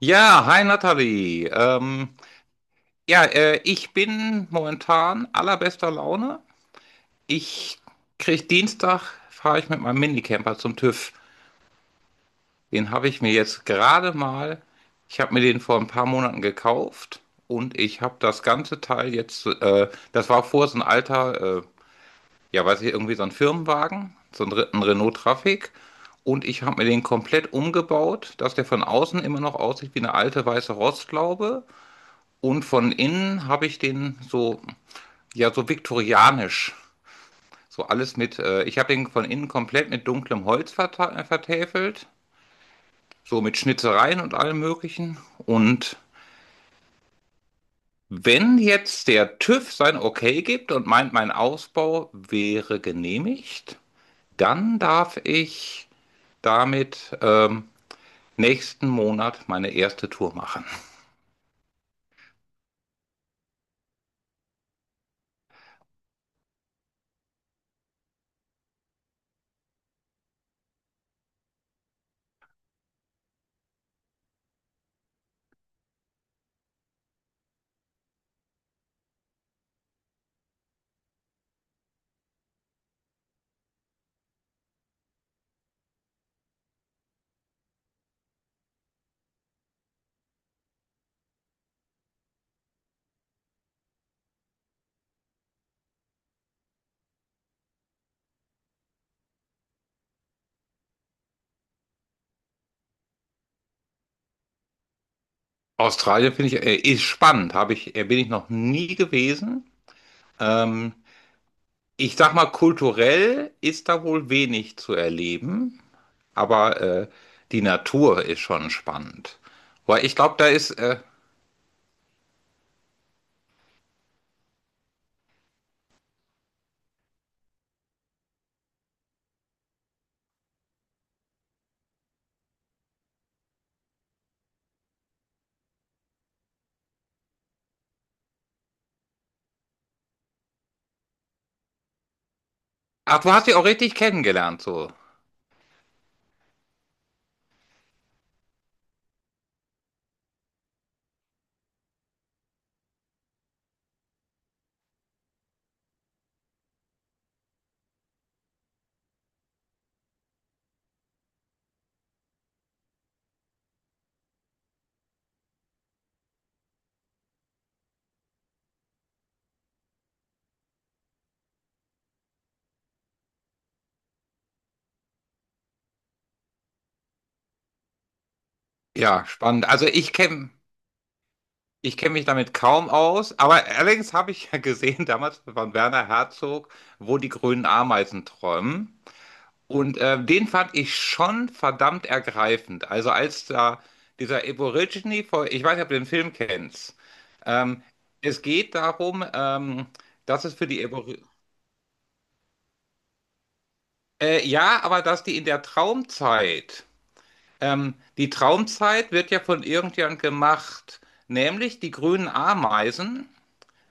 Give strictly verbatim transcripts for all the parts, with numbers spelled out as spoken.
Ja, hi Nathalie. Ähm, ja, äh, ich bin momentan allerbester Laune. Ich krieg Dienstag, fahre ich mit meinem Minicamper zum TÜV. Den habe ich mir jetzt gerade mal, ich habe mir den vor ein paar Monaten gekauft und ich habe das ganze Teil jetzt, äh, das war vor so ein alter, äh, ja weiß ich, irgendwie so ein Firmenwagen, so ein, Re- ein Renault Traffic. Und ich habe mir den komplett umgebaut, dass der von außen immer noch aussieht wie eine alte weiße Rostlaube. Und von innen habe ich den so, ja, so viktorianisch. So alles mit, äh, ich habe den von innen komplett mit dunklem Holz verta- äh, vertäfelt. So mit Schnitzereien und allem Möglichen. Und wenn jetzt der TÜV sein Okay gibt und meint, mein Ausbau wäre genehmigt, dann darf ich damit ähm, nächsten Monat meine erste Tour machen. Australien finde ich, äh, ist spannend. Habe ich, äh, bin ich noch nie gewesen. Ähm, Ich sag mal, kulturell ist da wohl wenig zu erleben, aber äh, die Natur ist schon spannend. Weil ich glaube, da ist. Äh, Ach, du hast sie auch richtig kennengelernt, so. Ja, spannend. Also ich kenne ich kenn mich damit kaum aus, aber allerdings habe ich ja gesehen damals von Werner Herzog, wo die grünen Ameisen träumen. Und äh, den fand ich schon verdammt ergreifend. Also als da dieser Aborigine vor, ich weiß nicht, ob du den Film kennst. Ähm, Es geht darum, ähm, dass es für die Evolution. Äh, ja, aber dass die in der Traumzeit. Ähm, die Traumzeit wird ja von irgendjemand gemacht, nämlich die grünen Ameisen,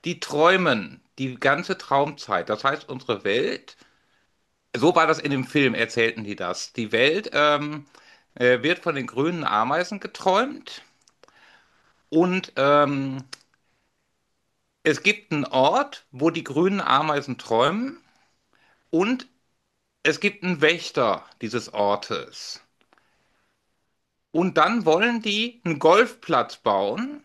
die träumen die ganze Traumzeit. Das heißt, unsere Welt, so war das in dem Film, erzählten die das. Die Welt ähm, äh, wird von den grünen Ameisen geträumt und ähm, es gibt einen Ort, wo die grünen Ameisen träumen und es gibt einen Wächter dieses Ortes. Und dann wollen die einen Golfplatz bauen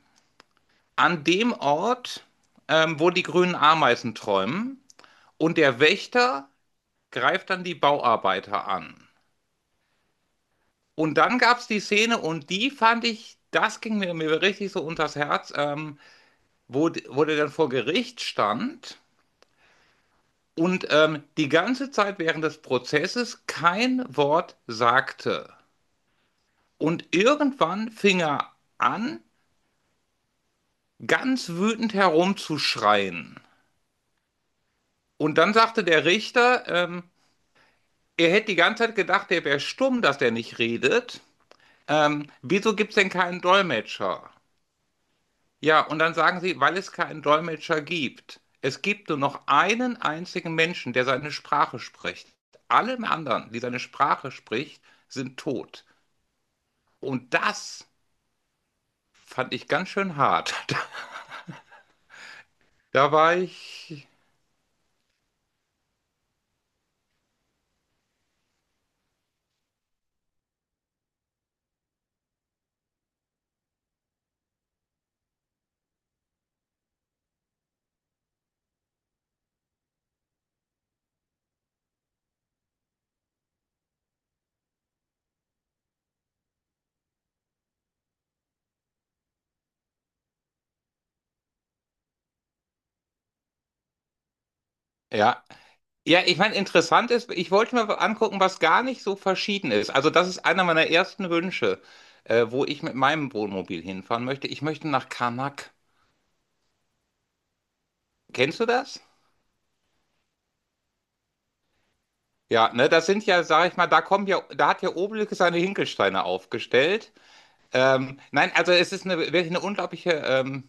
an dem Ort, ähm, wo die grünen Ameisen träumen. Und der Wächter greift dann die Bauarbeiter an. Und dann gab es die Szene und die fand ich, das ging mir, mir richtig so unters Herz, ähm, wo, wo der dann vor Gericht stand und ähm, die ganze Zeit während des Prozesses kein Wort sagte. Und irgendwann fing er an, ganz wütend herumzuschreien. Und dann sagte der Richter, ähm, er hätte die ganze Zeit gedacht, er wäre stumm, dass er nicht redet. Ähm, wieso gibt es denn keinen Dolmetscher? Ja, und dann sagen sie, weil es keinen Dolmetscher gibt. Es gibt nur noch einen einzigen Menschen, der seine Sprache spricht. Alle anderen, die seine Sprache spricht, sind tot. Und das fand ich ganz schön hart. Da war ich, ja, ja, ich meine, interessant ist, ich wollte mir angucken, was gar nicht so verschieden ist. Also das ist einer meiner ersten Wünsche, äh, wo ich mit meinem Wohnmobil hinfahren möchte. Ich möchte nach Karnak. Kennst du das? Ja, ne, das sind ja, sag ich mal, da kommen ja, da hat ja Obelix seine Hinkelsteine aufgestellt. Ähm, nein, also es ist eine, wirklich eine unglaubliche, ähm,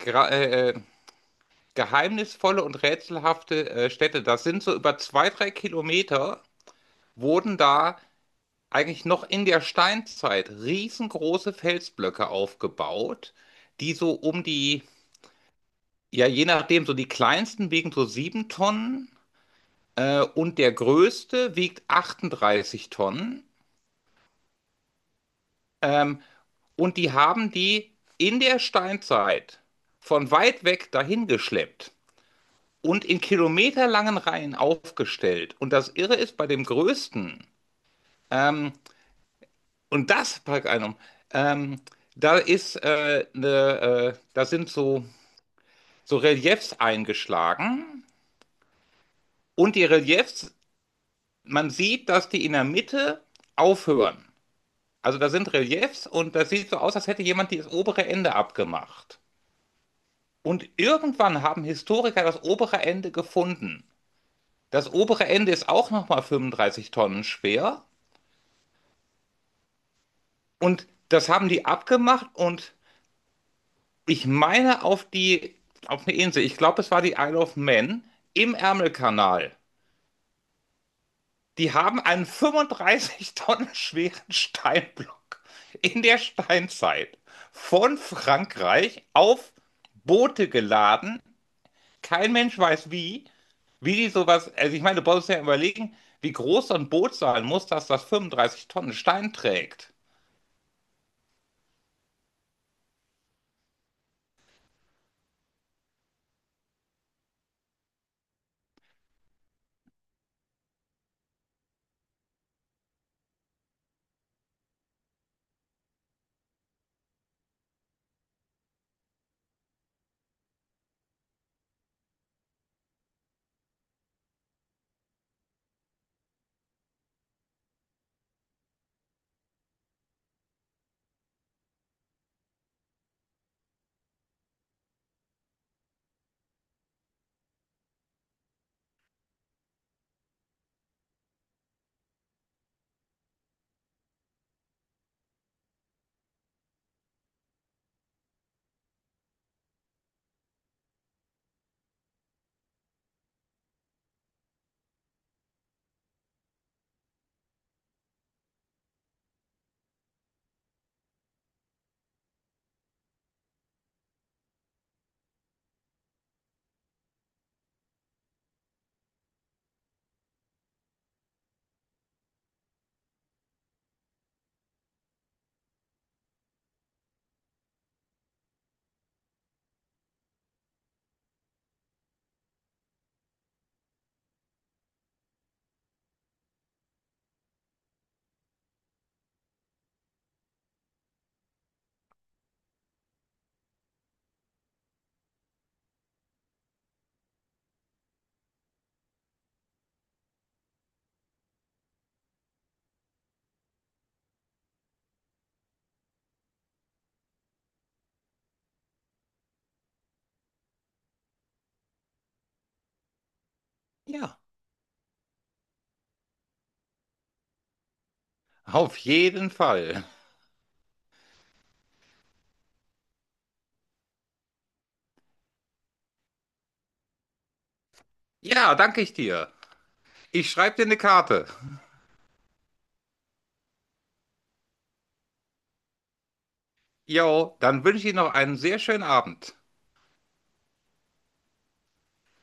gra- äh, äh, geheimnisvolle und rätselhafte äh, Stätte. Das sind so über zwei, drei Kilometer wurden da eigentlich noch in der Steinzeit riesengroße Felsblöcke aufgebaut, die so um die, ja, je nachdem, so die kleinsten wiegen so sieben Tonnen äh, und der größte wiegt achtunddreißig Tonnen. Ähm, und die haben die in der Steinzeit von weit weg dahin geschleppt und in kilometerlangen Reihen aufgestellt. Und das Irre ist bei dem größten, ähm, Und das, pack einem, ähm, da ist äh, ne, äh, da sind so, so Reliefs eingeschlagen und die Reliefs, man sieht, dass die in der Mitte aufhören. Also da sind Reliefs und das sieht so aus, als hätte jemand das obere Ende abgemacht. Und irgendwann haben Historiker das obere Ende gefunden. Das obere Ende ist auch nochmal fünfunddreißig Tonnen schwer und das haben die abgemacht und ich meine auf die, auf eine Insel. Ich glaube, es war die Isle of Man im Ärmelkanal. Die haben einen fünfunddreißig Tonnen schweren Steinblock in der Steinzeit von Frankreich auf Boote geladen. Kein Mensch weiß wie, wie die sowas, also ich meine, du musst ja überlegen, wie groß so ein Boot sein muss, dass das fünfunddreißig Tonnen Stein trägt. Ja, auf jeden Fall. Ja, danke ich dir. Ich schreibe dir eine Karte. Jo, dann wünsche ich Ihnen noch einen sehr schönen Abend.